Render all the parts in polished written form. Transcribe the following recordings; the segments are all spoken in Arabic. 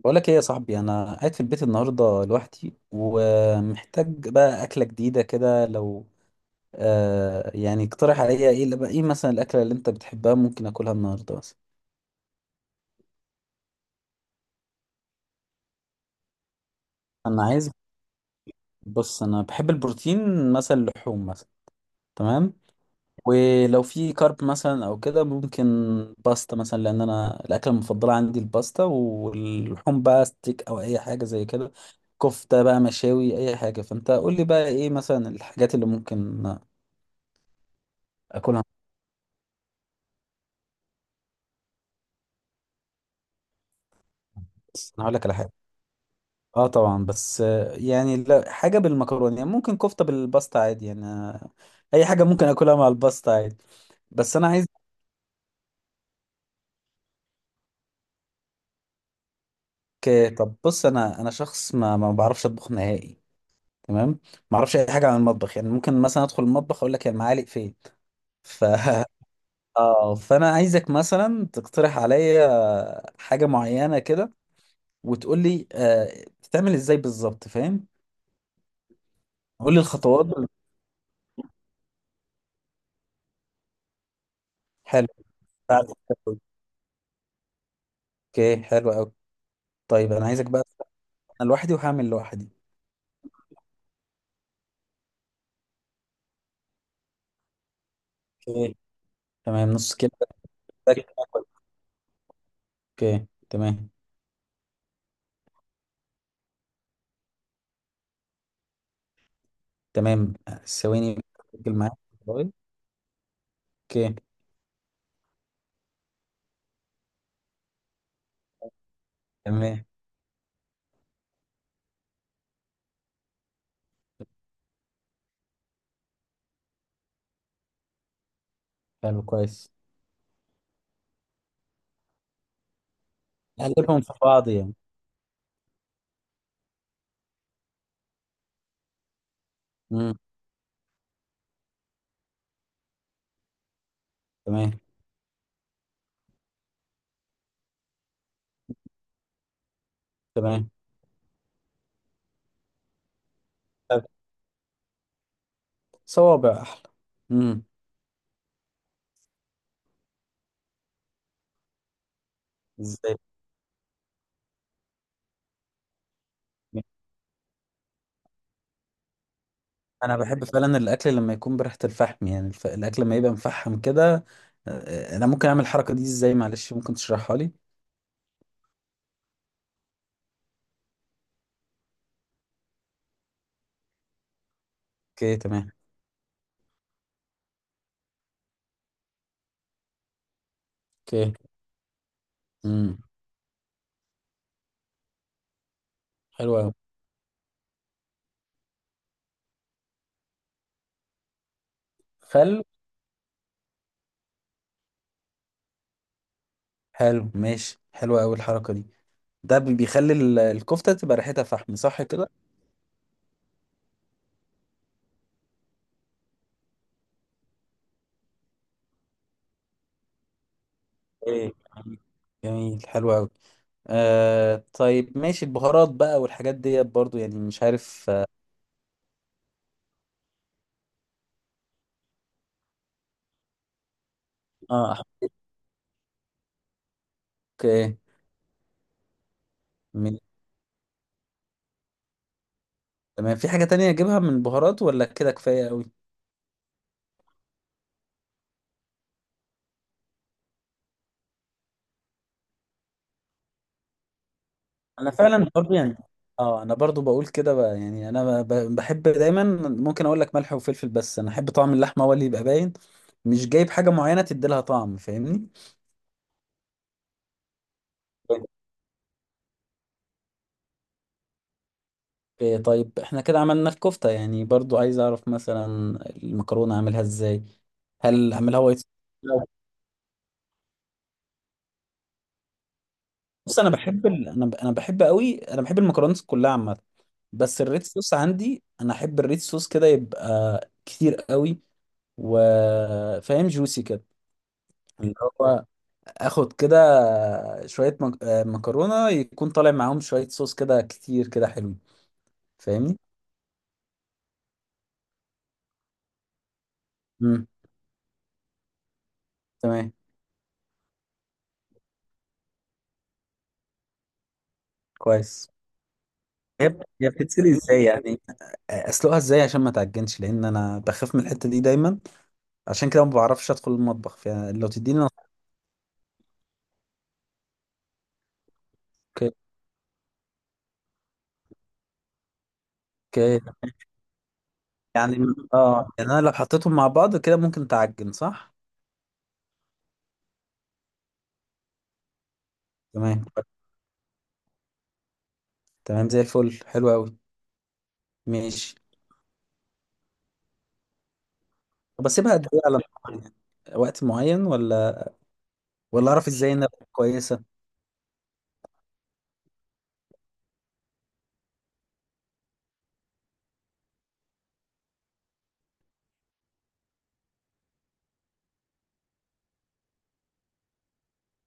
بقولك ايه يا صاحبي؟ انا قاعد في البيت النهارده لوحدي ومحتاج بقى اكله جديده كده. لو يعني اقترح عليا ايه؟ اللي بقى ايه مثلا الاكله اللي انت بتحبها ممكن اكلها النهارده مثلا؟ انا عايز بص، انا بحب البروتين مثلا، اللحوم مثلا. تمام. ولو في كارب مثلا او كده ممكن باستا مثلا، لان انا الاكله المفضله عندي الباستا، واللحوم بقى ستيك او اي حاجه زي كده، كفته بقى، مشاوي، اي حاجه. فانت قول لي بقى ايه مثلا الحاجات اللي ممكن اكلها. بس انا هقول لك على حاجه. اه طبعا، بس يعني لا، حاجه بالمكرونه يعني ممكن، كفته بالباستا عادي يعني. اي حاجه ممكن اكلها مع الباستا عادي. بس انا عايزك طب بص، انا شخص ما بعرفش اطبخ نهائي. تمام. ما اعرفش اي حاجه عن المطبخ، يعني ممكن مثلا ادخل المطبخ اقول لك المعالق فين. ف اه، فانا عايزك مثلا تقترح عليا حاجه معينه كده، وتقول لي بتتعمل ازاي بالظبط. فاهم؟ قول لي الخطوات. حلو. اوكي حلو قوي. طيب انا عايزك بقى. انا لوحدي وهعمل لوحدي. اوكي تمام. نص كيلو. بتاكل معاك. اوكي تمام. تمام ثواني. بتاكل معاك. اوكي تمام. حلو كويس. اقلبهم في بعض يعني. امم. تمام. تمام. طب. صوابع احلى. امم ازاي؟ انا بحب فعلا الاكل لما يكون بريحة الفحم، يعني الاكل لما يبقى مفحم كده. انا ممكن اعمل الحركة دي ازاي؟ معلش ممكن تشرحها لي؟ اوكي تمام. اوكي. امم حلو قوي. خل حلو ماشي. حلوة أوي الحركة دي. ده بيخلي الكفتة تبقى ريحتها فحم، صح كده؟ ايه، جميل حلو أوي. طيب ماشي. البهارات بقى والحاجات ديت برضو يعني مش عارف. اه. أحط. ايه؟ من- تمام. في حاجة تانية أجيبها من البهارات ولا كده كفاية أوي؟ أنا فعلا برضو يعني. اه، أنا برضو بقول كده بقى، يعني أنا بحب دايما ممكن أقول لك ملح وفلفل، بس أنا أحب طعم اللحمة هو اللي يبقى باين، مش جايب حاجة معينة تدي لها طعم. فاهمني؟ إيه، طيب احنا كده عملنا الكفتة يعني. برضو عايز اعرف مثلا المكرونة اعملها ازاي، هل اعملها وايت صوص؟ لو- بص، انا بحب ال... انا ب... انا بحب قوي، انا بحب المكرونات كلها عامة. بس الريد صوص، عندي انا احب الريد صوص كده يبقى كتير قوي، وفاهم جوسي كده، اللي هو اخد كده شوية مك... آه، مكرونة، يكون طالع معاهم شوية صوص كده كتير كده حلو. فاهمني؟ امم تمام. كويس. هي هي بتتسلق ازاي يعني؟ اسلقها ازاي عشان ما تعجنش؟ لان انا بخاف من الحته دي دايما، عشان كده ما بعرفش ادخل المطبخ. فلو تديني اوكي. اوكي يعني. اه يعني انا لو حطيتهم مع بعض كده ممكن تعجن، صح؟ تمام. تمام زي الفل، حلو قوي. ماشي. طب اسيبها قد ايه على النار يعني؟ وقت معين ولا؟ ولا اعرف ازاي انها تكون كويسه.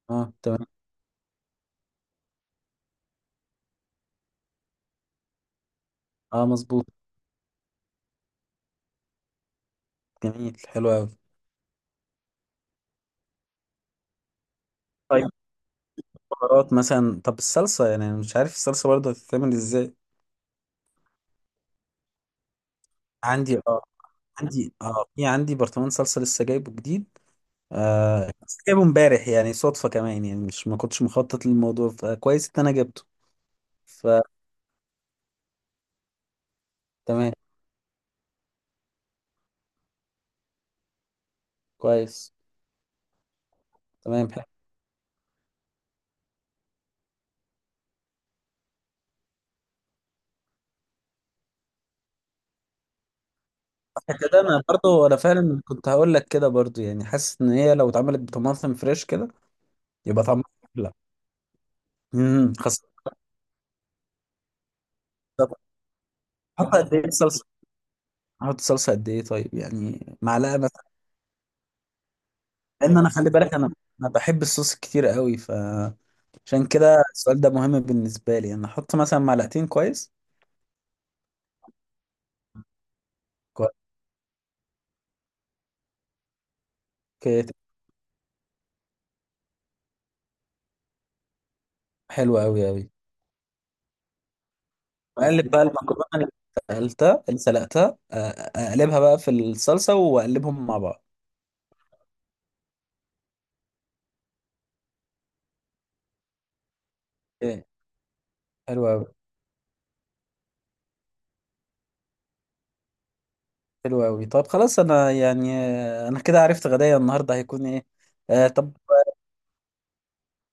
اه تمام. اه مظبوط. جميل حلو قوي. طيب بهارات مثلا؟ طب الصلصه يعني، انا مش عارف الصلصه برضه هتتعمل ازاي. عندي اه. عندي اه في عندي برطمان صلصه لسه جايبه جديد. بس جايبه امبارح يعني، صدفة كمان يعني، مش ما كنتش مخطط للموضوع، فكويس ان انا جبته. فتمام. كويس. تمام حلو. الحتة ده انا برضو، انا فعلا كنت هقول لك كده برضو، يعني حاسس ان هي لو اتعملت بطماطم فريش كده يبقى طعمها احلى. خاصة. طب احط قد ايه صلصة؟ احط صلصة قد ايه طيب؟ يعني معلقة مثلا؟ لان انا، خلي بالك، انا بحب الصوص كتير قوي. عشان كده السؤال ده مهم بالنسبة لي. انا احط مثلا معلقتين؟ كويس. كويس. حلو قوي قوي. بقلب بقى المكرونه اللي سلقتها، اقلبها بقى في الصلصه واقلبهم مع بعض. ايه. حلو قوي. حلو قوي. طب خلاص، انا يعني آه، انا كده عرفت غدايا النهارده هيكون ايه. طب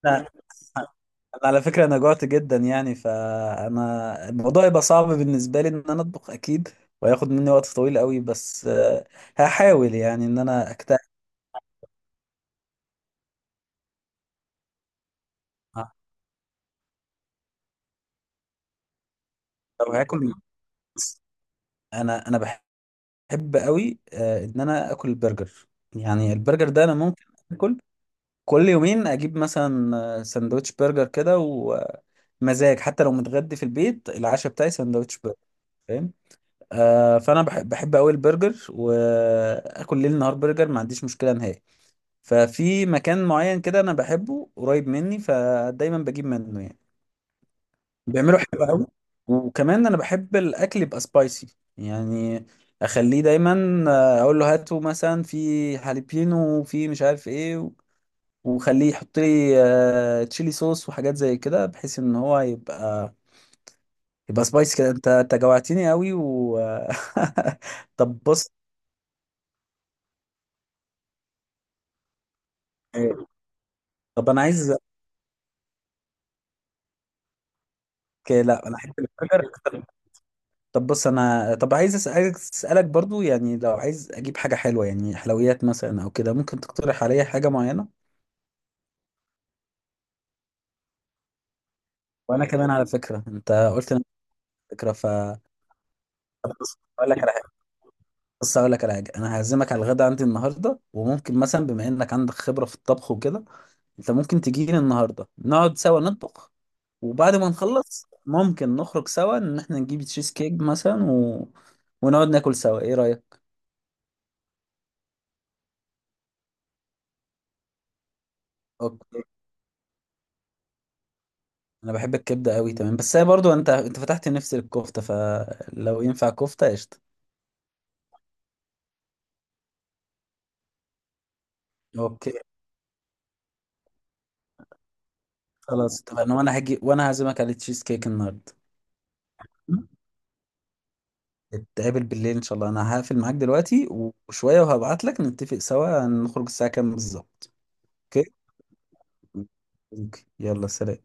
انا، على فكره انا جوعت جدا يعني، فانا الموضوع يبقى صعب بالنسبه لي ان انا اطبخ اكيد، وهياخد مني وقت طويل قوي، بس هحاول يعني ان انا اجتهد. آه، لو هاكل، انا بحب قوي ان انا اكل البرجر. يعني البرجر ده انا ممكن اكل كل يومين، اجيب مثلا سندوتش برجر كده، ومزاج حتى لو متغدي في البيت العشاء بتاعي سندوتش برجر. فاهم؟ فانا بحب قوي البرجر، واكل ليل نهار برجر ما عنديش مشكله نهائي. ففي مكان معين كده انا بحبه قريب مني، فدايما بجيب منه يعني. بيعملوا حلو قوي. وكمان انا بحب الاكل يبقى سبايسي يعني، اخليه دايما اقول له هاتوا مثلا في جاليبينو، وفي مش عارف ايه وخليه يحط لي تشيلي صوص وحاجات زي كده، بحيث ان هو يبقى سبايسي كده. انت جوعتني قوي طب بص، طب انا عايز. أوكي، لا انا احب البرجر. طب، طب بص، انا عايز عايز اسالك برضو يعني، لو عايز اجيب حاجه حلوه، يعني حلويات مثلا او كده، ممكن تقترح عليا حاجه معينه؟ وانا كمان على فكره انت قلت لي فكره، فاقول لك على حاجه. بس اقول لك على حاجه، انا هعزمك على الغدا عندي النهارده، وممكن مثلا بما انك عندك خبره في الطبخ وكده، انت ممكن تجيلي النهارده نقعد سوا نطبخ، وبعد ما نخلص ممكن نخرج سوا ان احنا نجيب تشيز كيك مثلا، و... ونقعد ناكل سوا. ايه رايك؟ اوكي. انا بحب الكبده قوي. تمام. بس هي برضو، انت فتحت نفسي للكفته، فلو ينفع كفته قشطه. اوكي. خلاص تمام، وانا هجي، وانا هعزمك على تشيز كيك النهارده. نتقابل بالليل ان شاء الله. انا هقفل معاك دلوقتي، وشوية وهبعت لك نتفق سوا نخرج الساعة كام بالظبط. اوكي. اوكي يلا سلام.